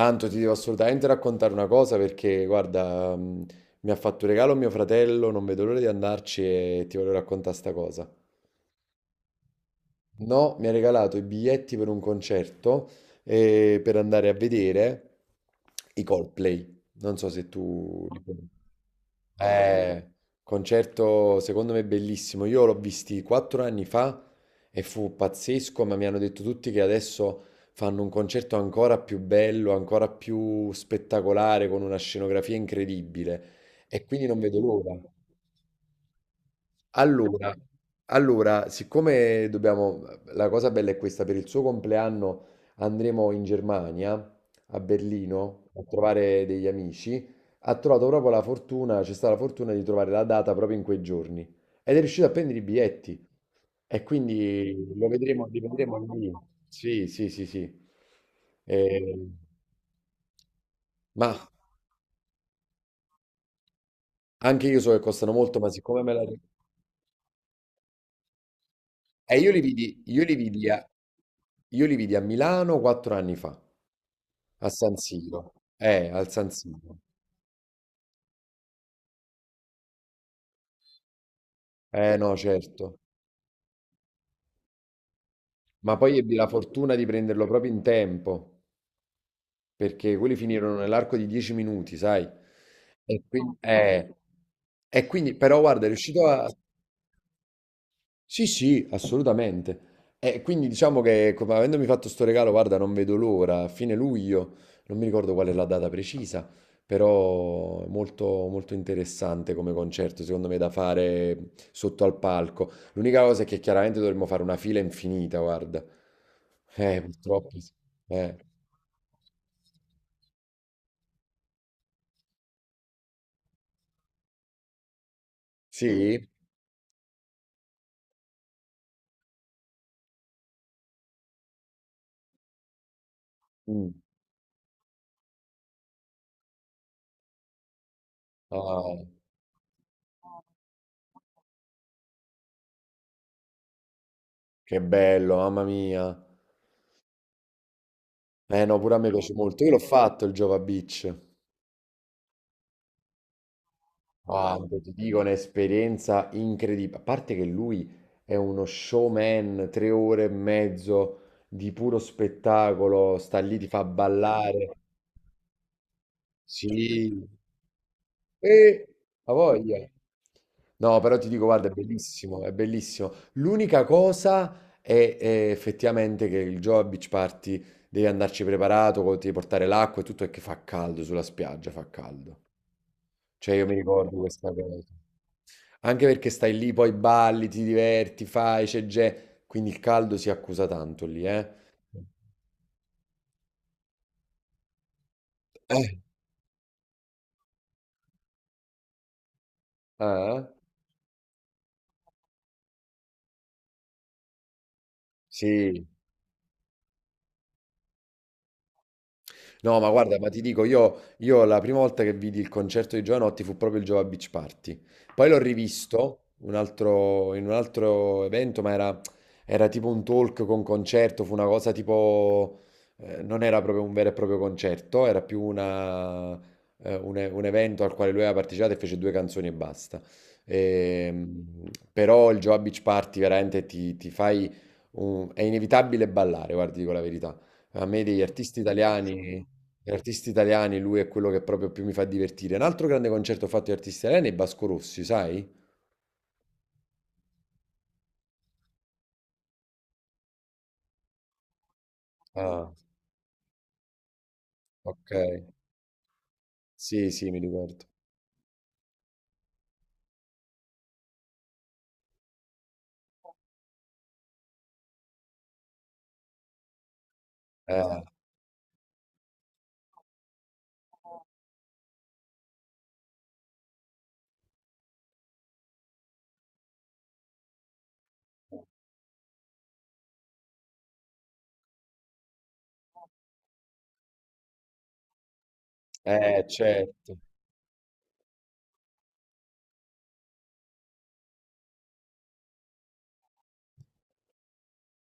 Anto, ti devo assolutamente raccontare una cosa perché, guarda, mi ha fatto un regalo mio fratello, non vedo l'ora di andarci e ti voglio raccontare sta cosa. No, mi ha regalato i biglietti per un concerto per andare a vedere i Coldplay. Non so se tu li conosci. Eh, Concerto secondo me bellissimo. Io l'ho visti quattro anni fa e fu pazzesco, ma mi hanno detto tutti che adesso fanno un concerto ancora più bello, ancora più spettacolare, con una scenografia incredibile. E quindi non vedo l'ora. Allora, siccome dobbiamo, la cosa bella è questa, per il suo compleanno andremo in Germania, a Berlino, a trovare degli amici, ha trovato proprio la fortuna, c'è stata la fortuna di trovare la data proprio in quei giorni ed è riuscito a prendere i biglietti e quindi li vedremo lì. Sì, sì, sì, sì. Eh, ma anche io so che costano molto, ma siccome me la... E io li vidi a Milano quattro anni fa. A San Siro. Al San Siro. Eh no, certo. Ma poi ebbi la fortuna di prenderlo proprio in tempo, perché quelli finirono nell'arco di 10 minuti, sai? E quindi, eh, e quindi però guarda, è riuscito a... Sì, sì, assolutamente. E quindi diciamo che, come avendomi fatto sto regalo, guarda, non vedo l'ora, a fine luglio, non mi ricordo qual è la data precisa, però è molto, molto interessante come concerto, secondo me, da fare sotto al palco. L'unica cosa è che chiaramente dovremmo fare una fila infinita, guarda. Purtroppo, sì. Eh. Sì? Mm. Ah, che bello, mamma mia. Eh no, pure a me piace molto. Io l'ho fatto il Jova Beach. Guarda, ti dico un'esperienza incredibile. A parte che lui è uno showman, tre ore e mezzo di puro spettacolo, sta lì, ti fa ballare. Sì, e ha voglia. No, però ti dico, guarda, è bellissimo, è bellissimo. L'unica cosa è effettivamente che il Joe a Beach Party devi andarci preparato, ti devi portare l'acqua e tutto, è che fa caldo sulla spiaggia, fa caldo. Cioè, io mi ricordo questa cosa. Anche perché stai lì, poi balli, ti diverti, fai, c'è gente. Quindi il caldo si accusa tanto lì, eh? Eh, Ah, eh? Sì. No, ma guarda, ma ti dico, io la prima volta che vidi il concerto di Giovanotti fu proprio il Jova Beach Party. Poi l'ho rivisto un altro- in un altro evento, ma era tipo un talk con concerto, fu una cosa tipo... non era proprio un vero e proprio concerto, un evento al quale lui aveva partecipato e fece due canzoni e basta. Ehm, Però il Jova Beach Party veramente ti fai... è inevitabile ballare, guardi, dico la verità. A me degli artisti italiani Gli artisti italiani, lui è quello che proprio più mi fa divertire. Un altro grande concerto fatto di artisti italiani è Vasco Rossi, sai? Ah, ok. Sì, sì, mi ricordo. Eh, certo.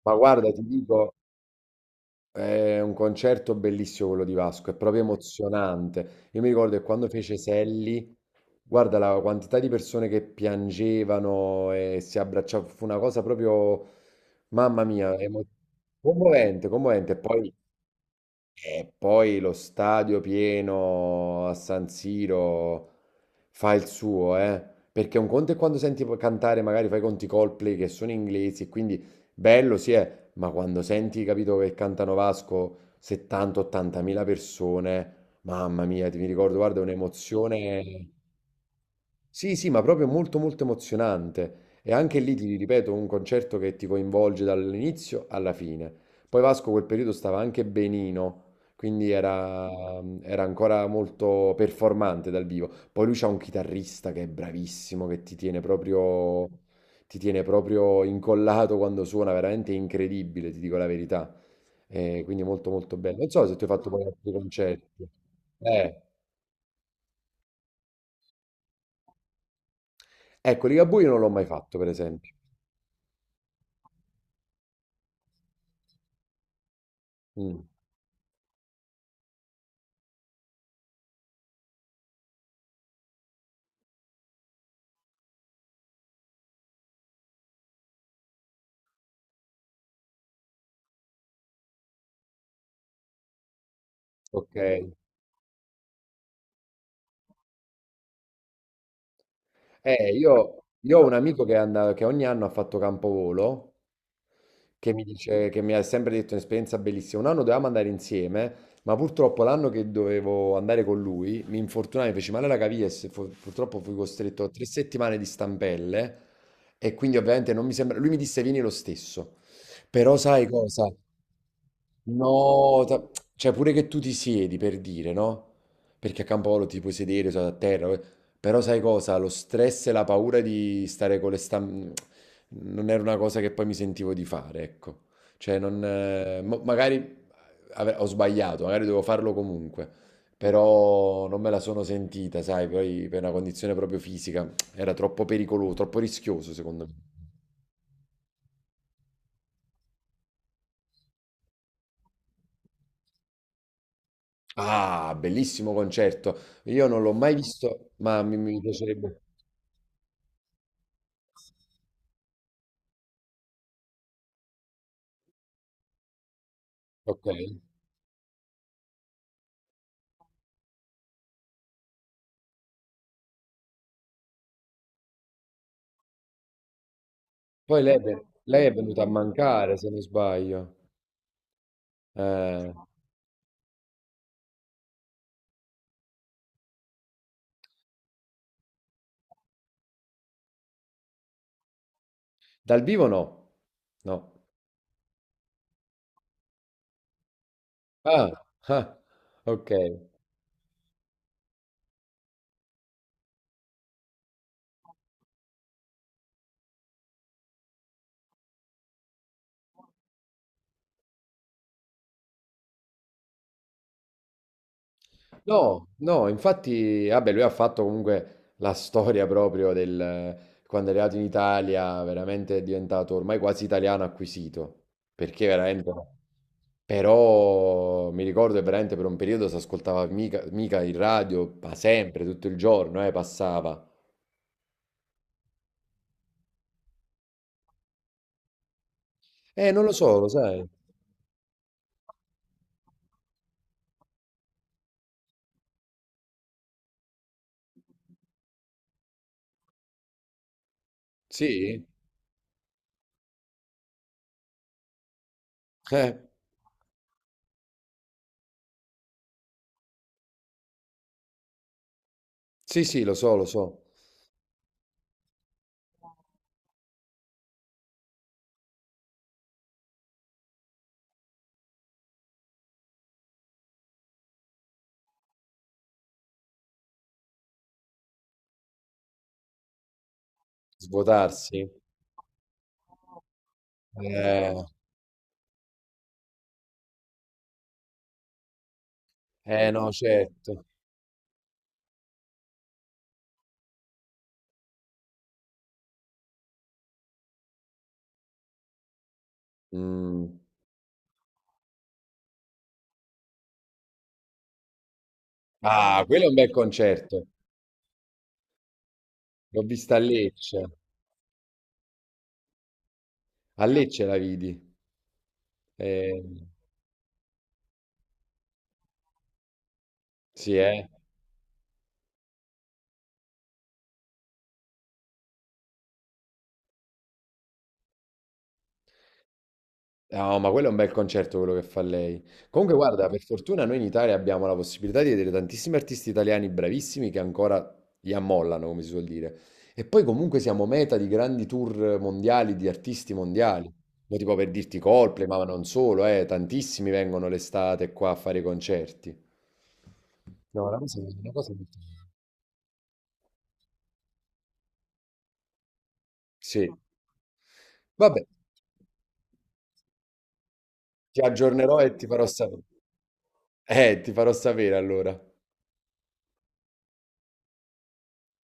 Ma guarda, ti dico, è un concerto bellissimo quello di Vasco, è proprio emozionante. Io mi ricordo che quando fece Selli, guarda la quantità di persone che piangevano e si abbracciavano, fu una cosa proprio, mamma mia, commovente, commovente. E poi lo stadio pieno a San Siro fa il suo, eh. Perché un conto è quando senti cantare, magari fai conti Coldplay che sono inglesi, e quindi bello sì è, ma quando senti, capito, che cantano Vasco 70-80 mila persone, mamma mia, ti mi ricordo, guarda, è un'emozione. Sì, sì, ma proprio molto molto emozionante. E anche lì ti ripeto, un concerto che ti coinvolge dall'inizio alla fine. Poi Vasco quel periodo stava anche benino, quindi era ancora molto performante dal vivo. Poi lui c'ha un chitarrista che è bravissimo, che ti tiene proprio incollato quando suona, veramente incredibile, ti dico la verità. Quindi molto molto bello. Non so se tu hai fatto poi altri concerti. Eh. Ecco, Ligabue io non l'ho mai fatto, per esempio. Mm. Ok. Io ho un amico che, che ogni anno ha fatto campovolo, che mi ha sempre detto un'esperienza bellissima. Un anno dovevamo andare insieme, ma purtroppo l'anno che dovevo andare con lui mi infortunai, mi feci male alla caviglia e purtroppo fui costretto a tre settimane di stampelle e quindi ovviamente non mi sembra... Lui mi disse vieni lo stesso, però sai cosa? No, ta- Cioè pure che tu ti siedi per dire, no? Perché a Campolo ti puoi sedere, sono a terra, eh. Però sai cosa? Lo stress e la paura di stare con le stampe non era una cosa che poi mi sentivo di fare, ecco. Cioè non, mo- Magari ho sbagliato, magari dovevo farlo comunque, però non me la sono sentita, sai, poi per una condizione proprio fisica era troppo pericoloso, troppo rischioso secondo me. Ah, bellissimo concerto. Io non l'ho mai visto, ma mi piacerebbe. Ok. Poi lei è venuta a mancare, se non sbaglio. Eh, dal vivo no. No. Ah, ah, ok. No, no, infatti, vabbè, lui ha fatto comunque la storia proprio del quando è arrivato in Italia, veramente è diventato ormai quasi italiano acquisito, perché veramente no. Però mi ricordo che veramente per un periodo si ascoltava mica, mica il radio, ma sempre, tutto il giorno, passava. Non lo so, lo sai. Sì? Eh, sì, sì, lo so, lo so. Svuotarsi? Eh, no, certo. Mm. Ah, quello è un bel concerto. L'ho vista a Lecce. A Lecce la vidi. Eh, sì, eh. No, ma quello è un bel concerto quello che fa lei. Comunque, guarda, per fortuna noi in Italia abbiamo la possibilità di vedere tantissimi artisti italiani bravissimi che ancora li ammollano, come si suol dire. E poi comunque siamo meta di grandi tour mondiali, di artisti mondiali. No, tipo per dirti Coldplay, ma non solo, tantissimi vengono l'estate qua a fare i concerti. Una cosa molto- sì. Vabbè, ti aggiornerò e ti farò sapere. Ti farò sapere allora.